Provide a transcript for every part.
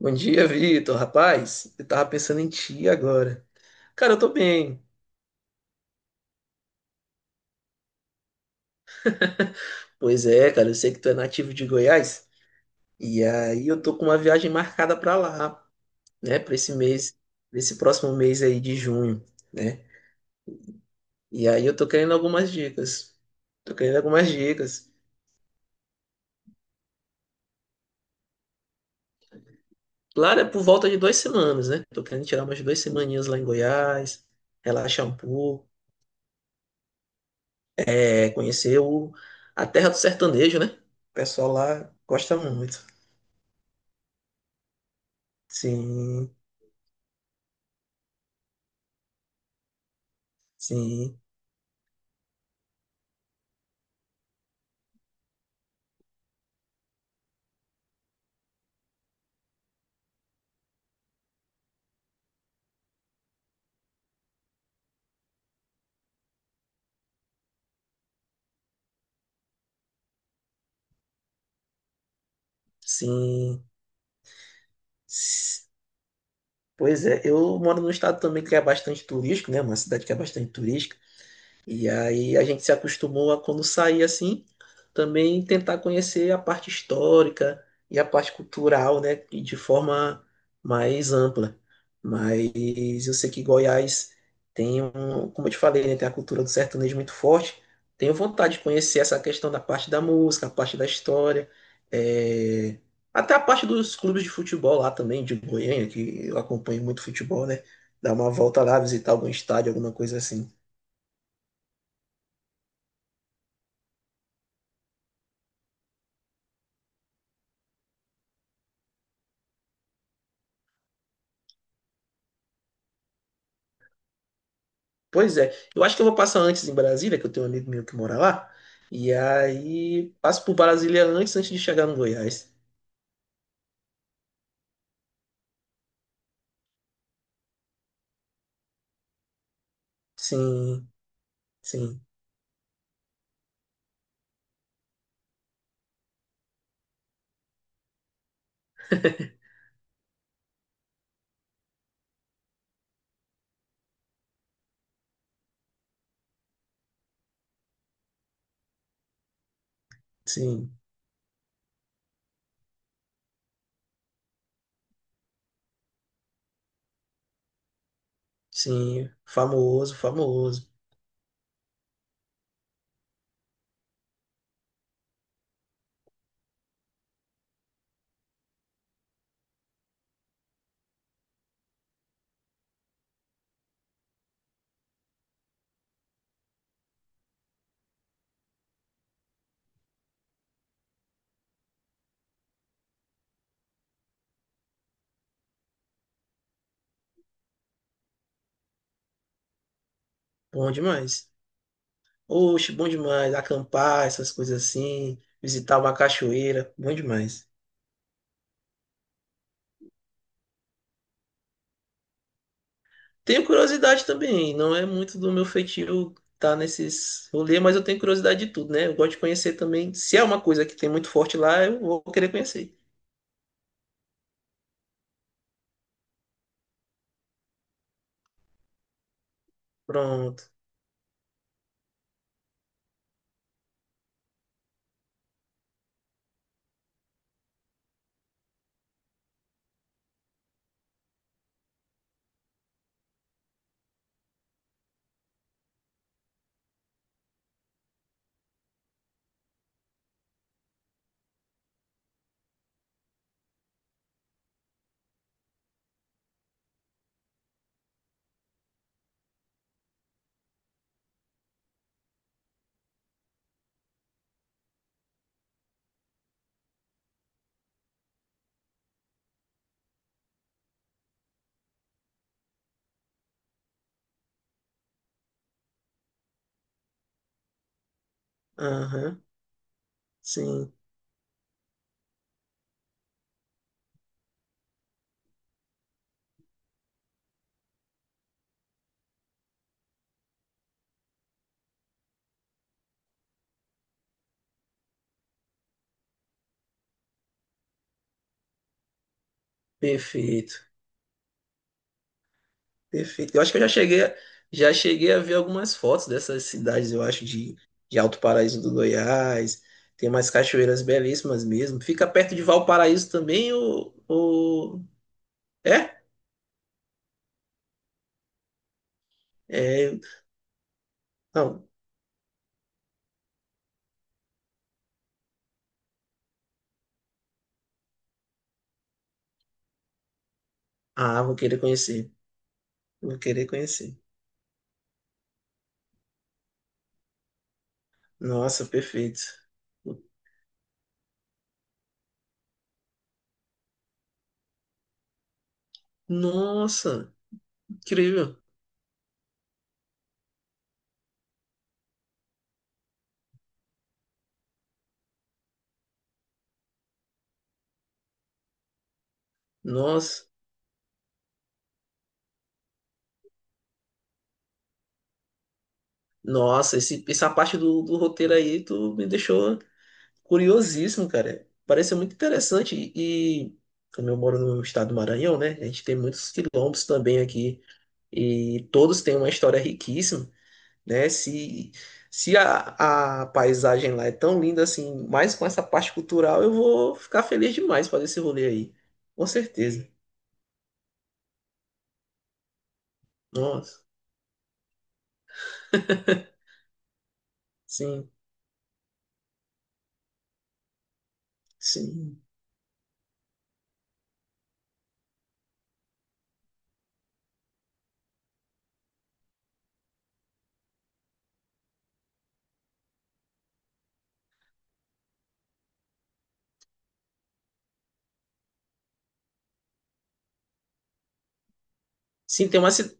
Bom dia, Vitor. Rapaz, eu tava pensando em ti agora. Cara, eu tô bem. Pois é, cara, eu sei que tu é nativo de Goiás. E aí eu tô com uma viagem marcada pra lá, né? Pra esse mês, nesse próximo mês aí de junho, né? E aí eu tô querendo algumas dicas. Tô querendo algumas dicas. Claro, é por volta de duas semanas, né? Tô querendo tirar umas duas semaninhas lá em Goiás, relaxar um pouco, é, conhecer a terra do sertanejo, né? O pessoal lá gosta muito. Sim. Sim, sim. S- Pois é, eu moro num estado também que é bastante turístico, né? Uma cidade que é bastante turística. E aí a gente se acostumou a, quando sair assim, também tentar conhecer a parte histórica e a parte cultural, né, e de forma mais ampla. Mas eu sei que Goiás tem um, como eu te falei, né, tem a cultura do sertanejo muito forte. Tenho vontade de conhecer essa questão da parte da música, a parte da história, é, até a parte dos clubes de futebol lá também, de Goiânia, que eu acompanho muito futebol, né? Dar uma volta lá, visitar algum estádio, alguma coisa assim. Pois é. Eu acho que eu vou passar antes em Brasília, que eu tenho um amigo meu que mora lá. E aí passo por Brasília antes, antes de chegar no Goiás. Sim, sim, sim, sim. Famoso, famoso. Bom demais. Oxe, bom demais. Acampar, essas coisas assim. Visitar uma cachoeira. Bom demais. Tenho curiosidade também. Não é muito do meu feitio estar nesses rolês, mas eu tenho curiosidade de tudo, né? Eu gosto de conhecer também. Se é uma coisa que tem muito forte lá, eu vou querer conhecer. Pronto. Aham. Sim, perfeito, perfeito. Eu acho que eu já cheguei, já cheguei a ver algumas fotos dessas cidades, eu acho, de Alto Paraíso do Goiás. Tem umas cachoeiras belíssimas mesmo. Fica perto de Valparaíso também, ou... É? É, não. Ah, vou querer conhecer. Vou querer conhecer. Nossa, perfeito. Nossa, incrível. Nossa, nossa, esse, essa parte do, do roteiro aí, tu me deixou. Curiosíssimo, cara. Parece muito interessante. E como eu moro no estado do Maranhão, né? A gente tem muitos quilombos também aqui. E todos têm uma história riquíssima, né? Se a, a paisagem lá é tão linda assim, mais com essa parte cultural, eu vou ficar feliz demais fazer esse rolê aí. Com certeza. Nossa, sim, sim. Sim, tem uma, ci-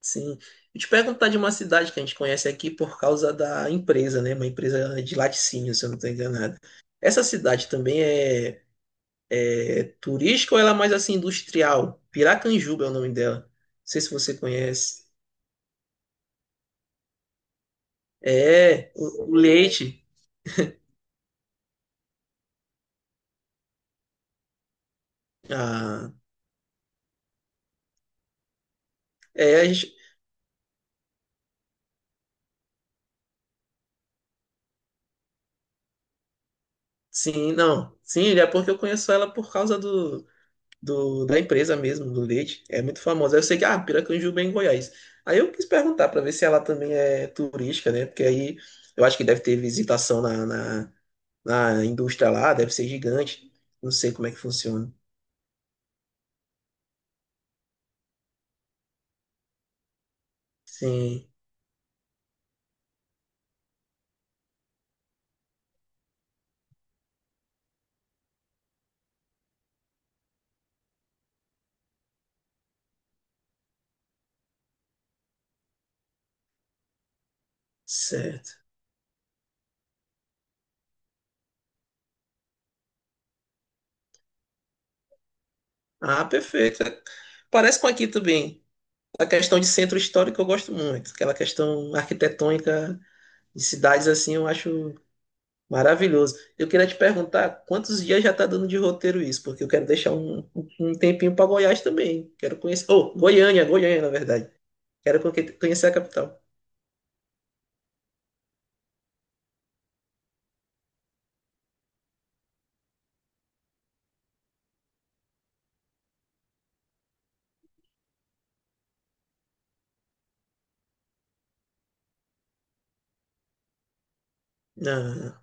Sim. Eu te perguntar de uma cidade que a gente conhece aqui por causa da empresa, né? Uma empresa de laticínio, se eu não estou enganado. Essa cidade também é, é turística ou ela é mais assim industrial? Piracanjuba é o nome dela. Não sei se você conhece. É, o leite. Ah, é, a gente, sim, não. Sim, é porque eu conheço ela por causa da empresa mesmo, do leite. É muito famosa. Eu sei que, ah, Piracanjuba é em Goiás. Aí eu quis perguntar para ver se ela também é turística, né? Porque aí eu acho que deve ter visitação na indústria lá, deve ser gigante. Não sei como é que funciona. Sim, certo. Ah, perfeito. Parece com aqui também. A questão de centro histórico eu gosto muito. Aquela questão arquitetônica de cidades assim, eu acho maravilhoso. Eu queria te perguntar quantos dias já tá dando de roteiro isso, porque eu quero deixar um, um tempinho para Goiás também. Quero conhecer. Oh, Goiânia, Goiânia, na verdade. Conhecer a capital. Ah,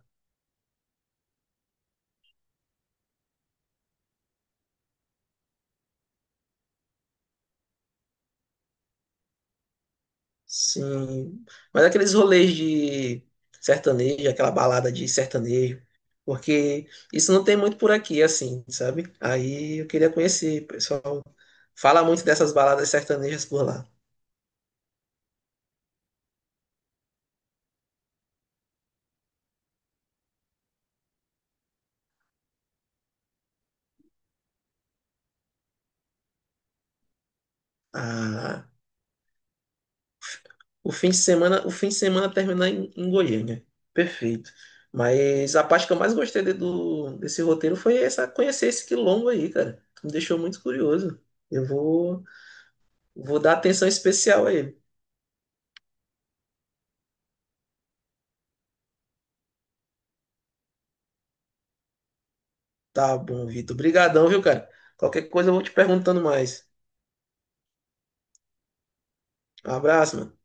sim, mas aqueles rolês de sertanejo, aquela balada de sertanejo, porque isso não tem muito por aqui, assim, sabe? Aí eu queria conhecer, o pessoal. Fala muito dessas baladas sertanejas por lá. Ah, o fim de semana, o fim de semana terminar em, em Goiânia. Perfeito. Mas a parte que eu mais gostei do, desse roteiro foi essa, conhecer esse quilombo aí, cara. Me deixou muito curioso. Eu vou, vou dar atenção especial a ele. Tá bom, Vitor. Obrigadão, viu, cara? Qualquer coisa eu vou te perguntando mais. Um abraço, mano.